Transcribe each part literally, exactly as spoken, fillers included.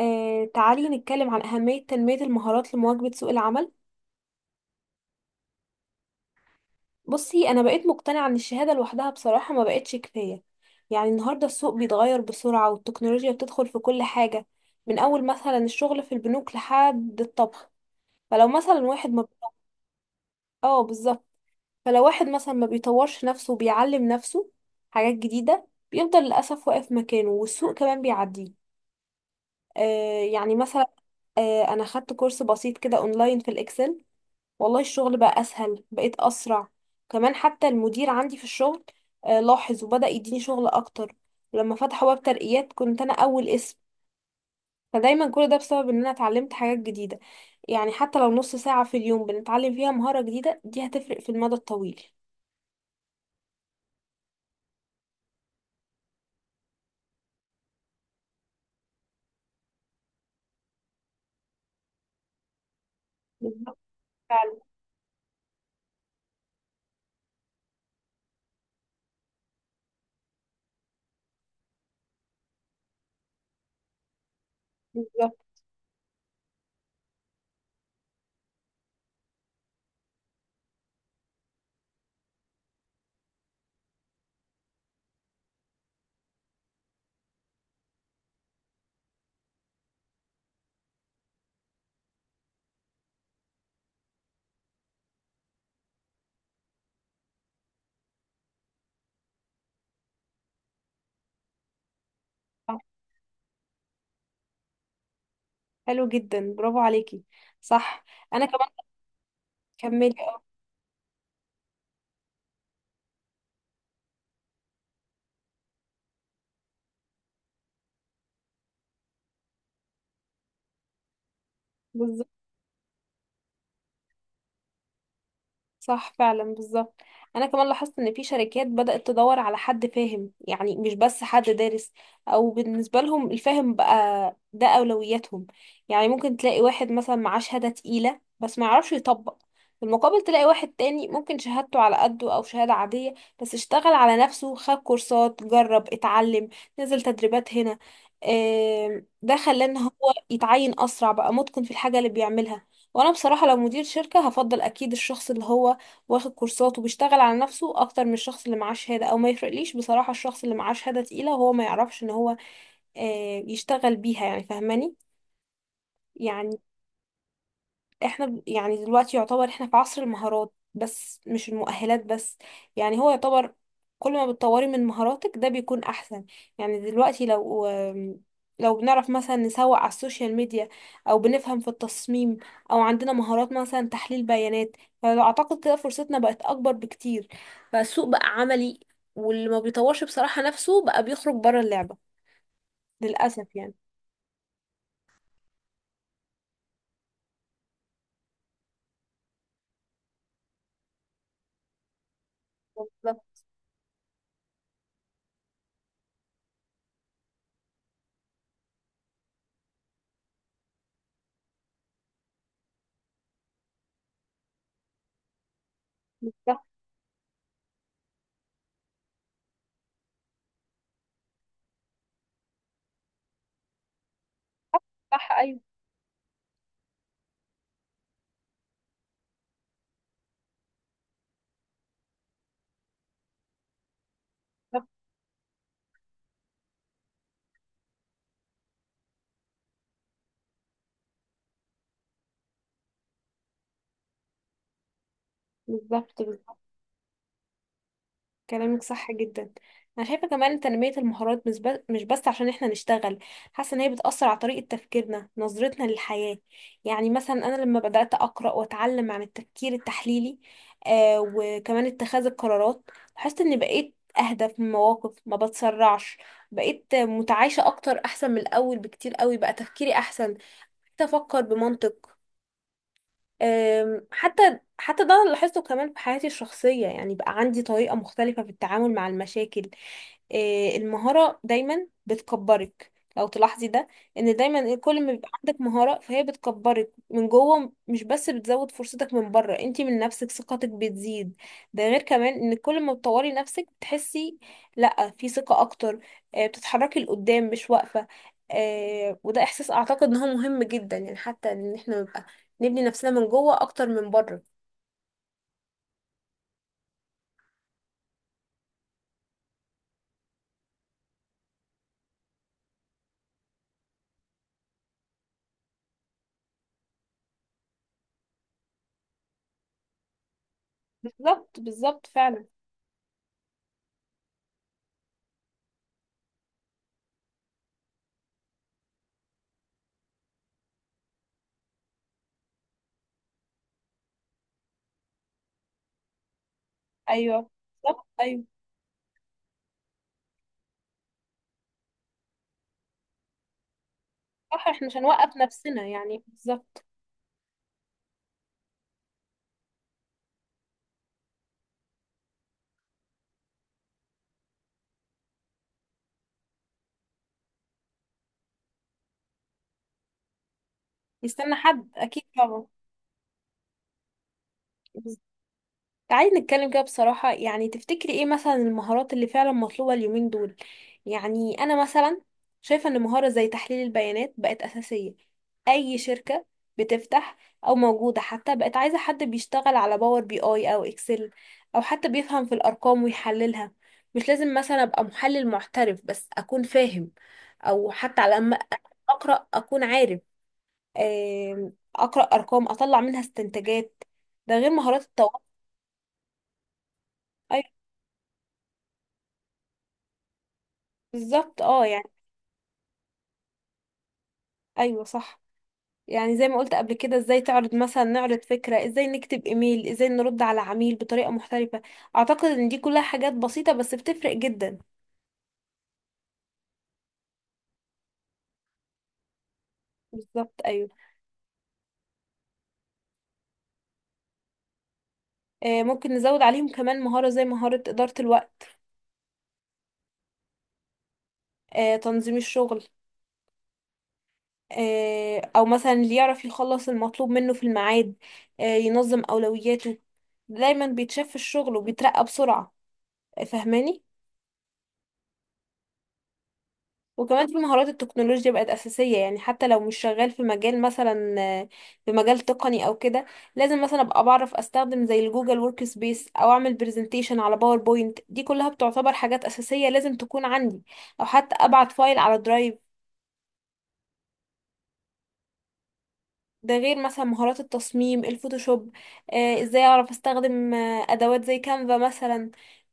آه، تعالي نتكلم عن أهمية تنمية المهارات لمواكبة سوق العمل. بصي، أنا بقيت مقتنعة إن الشهادة لوحدها بصراحة ما بقتش كفاية. يعني النهاردة السوق بيتغير بسرعة، والتكنولوجيا بتدخل في كل حاجة، من أول مثلا الشغل في البنوك لحد الطبخ. فلو مثلا واحد ما... اه، بالظبط. فلو واحد مثلا ما بيطورش نفسه وبيعلم نفسه حاجات جديدة، بيفضل للأسف واقف مكانه والسوق كمان بيعديه. آه يعني مثلا، آه أنا خدت كورس بسيط كده أونلاين في الإكسل. والله الشغل بقى اسهل، بقيت اسرع. كمان حتى المدير عندي في الشغل آه، لاحظ وبدأ يديني شغل اكتر. ولما فتحوا باب ترقيات كنت انا اول اسم. فدايما كل ده بسبب ان انا اتعلمت حاجات جديدة. يعني حتى لو نص ساعة في اليوم بنتعلم فيها مهارة جديدة، دي هتفرق في المدى الطويل. بالظبط. فعلا. بالظبط. صح. حلو جدا، برافو عليكي. صح. انا كمان... كملي اه. بالظبط. صح فعلا، بالظبط. انا كمان لاحظت ان في شركات بدأت تدور على حد فاهم، يعني مش بس حد دارس. او بالنسبة لهم الفاهم بقى ده اولوياتهم. يعني ممكن تلاقي واحد مثلا معاه شهادة تقيلة بس ما يعرفش يطبق. في المقابل تلاقي واحد تاني ممكن شهادته على قده او شهادة عادية، بس اشتغل على نفسه، خد كورسات، جرب، اتعلم، نزل تدريبات هنا. آم، ده خلاه ان هو يتعين اسرع، بقى متقن في الحاجة اللي بيعملها. وانا بصراحة لو مدير شركة هفضل اكيد الشخص اللي هو واخد كورسات وبيشتغل على نفسه اكتر من الشخص اللي معاه شهادة. او ما يفرقليش بصراحة الشخص اللي معاه شهادة تقيلة وهو ما يعرفش ان هو آه، يشتغل بيها، يعني فاهماني؟ يعني احنا ب- يعني دلوقتي يعتبر احنا في عصر المهارات بس، مش المؤهلات بس. يعني هو يعتبر كل ما بتطوري من مهاراتك ده بيكون احسن. يعني دلوقتي لو لو بنعرف مثلا نسوق على السوشيال ميديا، او بنفهم في التصميم، او عندنا مهارات مثلا تحليل بيانات، فاعتقد كده فرصتنا بقت اكبر بكتير. بقى السوق بقى عملي، واللي ما بيطورش بصراحة نفسه بقى بيخرج بره اللعبة، للأسف يعني. بالظبط. بالظبط. صح ايوه. بالظبط. بالظبط. كلامك صح جدا. انا شايفه كمان تنميه المهارات مش بس مش بس عشان احنا نشتغل. حاسه ان هي بتاثر على طريقه تفكيرنا، نظرتنا للحياه. يعني مثلا انا لما بدات اقرا واتعلم عن التفكير التحليلي، آه وكمان اتخاذ القرارات، لاحظت اني بقيت اهدى في المواقف، ما بتسرعش. بقيت متعايشه اكتر، احسن من الاول بكتير قوي، بقى تفكيري احسن. بقيت افكر بمنطق. أم، حتى حتى ده أنا لاحظته كمان في حياتي الشخصية، يعني بقى عندي طريقة مختلفة في التعامل مع المشاكل. إيه، المهارة دايما بتكبرك، لو تلاحظي ده. ان دايما كل ما بيبقى عندك مهارة، فهي بتكبرك من جوه، مش بس بتزود فرصتك من بره. انتي من نفسك ثقتك بتزيد. ده غير كمان ان كل ما بتطوري نفسك بتحسي لا في ثقة اكتر، آه، بتتحركي لقدام مش واقفة. آه، وده احساس اعتقد ان هو مهم جدا، يعني حتى ان احنا نبني نفسنا من جوه اكتر من بره. بالظبط. بالظبط فعلا. ايوه بالظبط ايوه. صح. احنا مش هنوقف نفسنا يعني، بالظبط. يستنى حد، اكيد طبعا. تعالي نتكلم كده بصراحة، يعني تفتكري ايه مثلا المهارات اللي فعلا مطلوبة اليومين دول؟ يعني انا مثلا شايفة ان مهارة زي تحليل البيانات بقت اساسية. اي شركة بتفتح او موجودة حتى بقت عايزة حد بيشتغل على باور بي اي او اكسل، او حتى بيفهم في الارقام ويحللها. مش لازم مثلا ابقى محلل محترف، بس اكون فاهم، او حتى على الاقل اقرأ، اكون عارف. آم، اقرأ ارقام اطلع منها استنتاجات. ده غير مهارات التواصل. بالظبط اه يعني. ايوه صح. يعني زي ما قلت قبل كده، ازاي تعرض مثلا، نعرض فكرة، ازاي نكتب ايميل، ازاي نرد على عميل بطريقة محترفة. اعتقد ان دي كلها حاجات بسيطة بس بتفرق جدا. بالظبط ايوه. آه ممكن نزود عليهم كمان مهارة زي مهارة ادارة الوقت، آه تنظيم الشغل. آه او مثلا اللي يعرف يخلص المطلوب منه في الميعاد، آه ينظم اولوياته، دايما بيتشاف في الشغل وبيترقى بسرعة. آه، فاهماني؟ وكمان في مهارات التكنولوجيا بقت أساسية، يعني حتى لو مش شغال في مجال مثلا، آه، في مجال تقني أو كده. لازم مثلا أبقى بعرف أستخدم زي الجوجل ورك سبيس أو أعمل برزنتيشن على باوربوينت. دي كلها بتعتبر حاجات أساسية لازم تكون عندي، أو حتى أبعت فايل على درايف. ده غير مثلا مهارات التصميم، الفوتوشوب. آه، إزاي أعرف أستخدم آه، أدوات زي كانفا مثلا.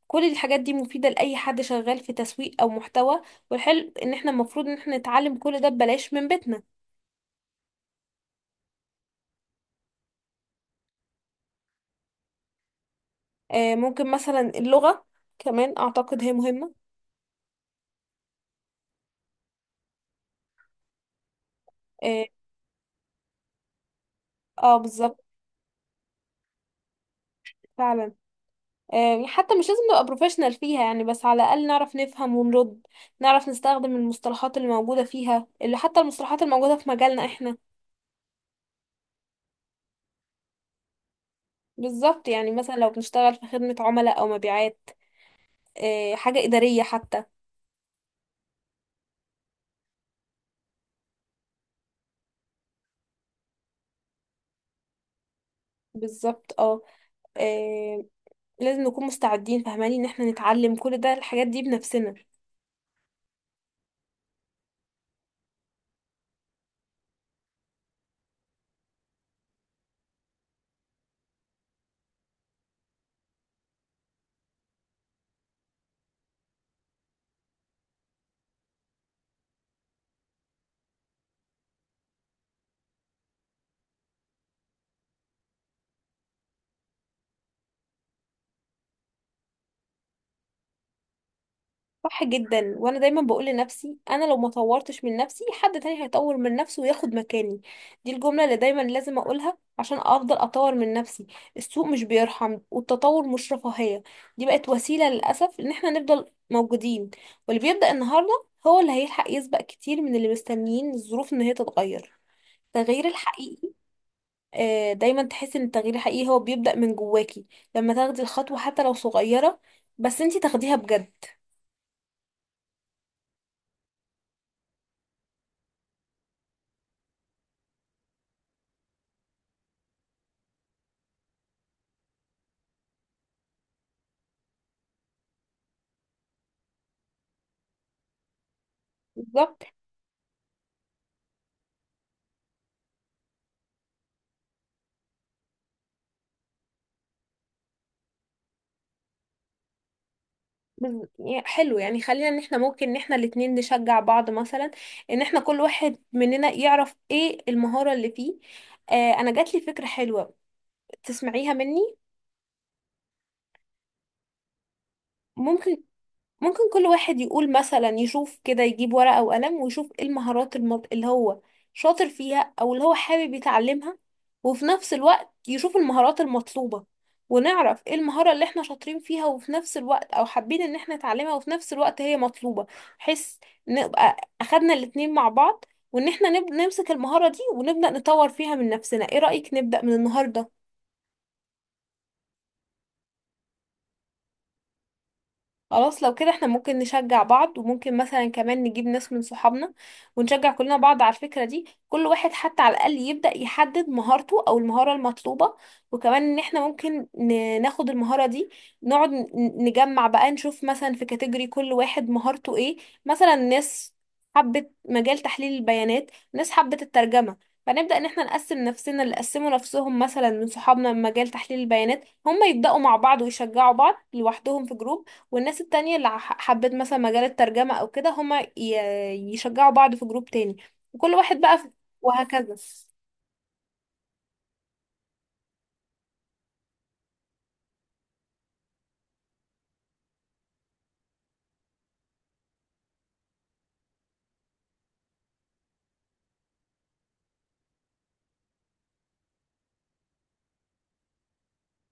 كل الحاجات دي مفيدة لأي حد شغال في تسويق أو محتوى. والحلو إن احنا المفروض إن احنا نتعلم كل ده ببلاش من بيتنا. آه، ممكن مثلا اللغة كمان أعتقد هي مهمة. اه. آه، بالظبط. فعلا. آه، حتى مش لازم نبقى بروفيشنال فيها يعني، بس على الأقل نعرف نفهم ونرد، نعرف نستخدم المصطلحات اللي موجودة فيها، اللي حتى المصطلحات الموجودة في مجالنا احنا. بالظبط. يعني مثلا لو بنشتغل في خدمة عملاء أو مبيعات، آه، حاجة إدارية حتى. بالظبط اه. آه، لازم نكون مستعدين، فاهماني ان احنا نتعلم كل ده، الحاجات دي بنفسنا. صح جدا. وانا دايما بقول لنفسي، انا لو ما طورتش من نفسي، حد تاني هيطور من نفسه وياخد مكاني. دي الجملة اللي دايما لازم اقولها عشان افضل اطور من نفسي. السوق مش بيرحم، والتطور مش رفاهية، دي بقت وسيلة للاسف ان احنا نفضل موجودين. واللي بيبدأ النهاردة هو اللي هيلحق، يسبق كتير من اللي مستنيين الظروف ان هي تتغير. التغيير الحقيقي، آه، دايما تحس ان التغيير الحقيقي هو بيبدأ من جواكي، لما تاخدي الخطوة حتى لو صغيرة، بس انتي تاخديها بجد. بالظبط. بز- يا- حلو، يعني خلينا ان احنا ممكن ان احنا الاتنين نشجع بعض، مثلا ان احنا كل واحد مننا يعرف ايه المهارة اللي فيه. آه انا جات لي فكرة حلوة، تسمعيها مني؟ ممكن ممكن كل واحد يقول مثلا، يشوف كده، يجيب ورقة وقلم ويشوف ايه المهارات الم- اللي هو شاطر فيها او اللي هو حابب يتعلمها، وفي نفس الوقت يشوف المهارات المطلوبة. ونعرف ايه المهارة اللي احنا شاطرين فيها وفي نفس الوقت او حابين ان احنا نتعلمها، وفي نفس الوقت هي مطلوبة، بحيث نبقى اخدنا الاتنين مع بعض. وان احنا نب- نمسك المهارة دي ونبدأ نطور فيها من نفسنا. ايه رأيك نبدأ من النهاردة؟ خلاص، لو كده احنا ممكن نشجع بعض، وممكن مثلا كمان نجيب ناس من صحابنا ونشجع كلنا بعض على الفكرة دي. كل واحد حتى على الأقل يبدأ يحدد مهارته أو المهارة المطلوبة. وكمان ان احنا ممكن ن- ناخد المهارة دي، نقعد ن- نجمع بقى، نشوف مثلا في كاتيجوري كل واحد مهارته ايه. مثلا ناس حبت مجال تحليل البيانات، ناس حبت الترجمة. فنبدأ ان احنا نقسم نفسنا، اللي قسموا نفسهم مثلا من صحابنا من مجال تحليل البيانات، هم يبدأوا مع بعض ويشجعوا بعض لوحدهم في جروب. والناس التانية اللي ح- حبت مثلا مجال الترجمة أو كده، هما ي- يشجعوا بعض في جروب تاني. وكل واحد بقى في... وهكذا.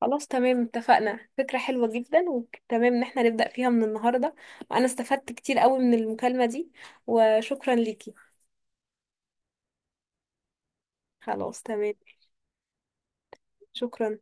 خلاص تمام، اتفقنا، فكرة حلوة جدا، وتمام ان احنا نبدأ فيها من النهاردة. وأنا استفدت كتير قوي من المكالمة دي، وشكرا ليكي. خلاص تمام. شكرا.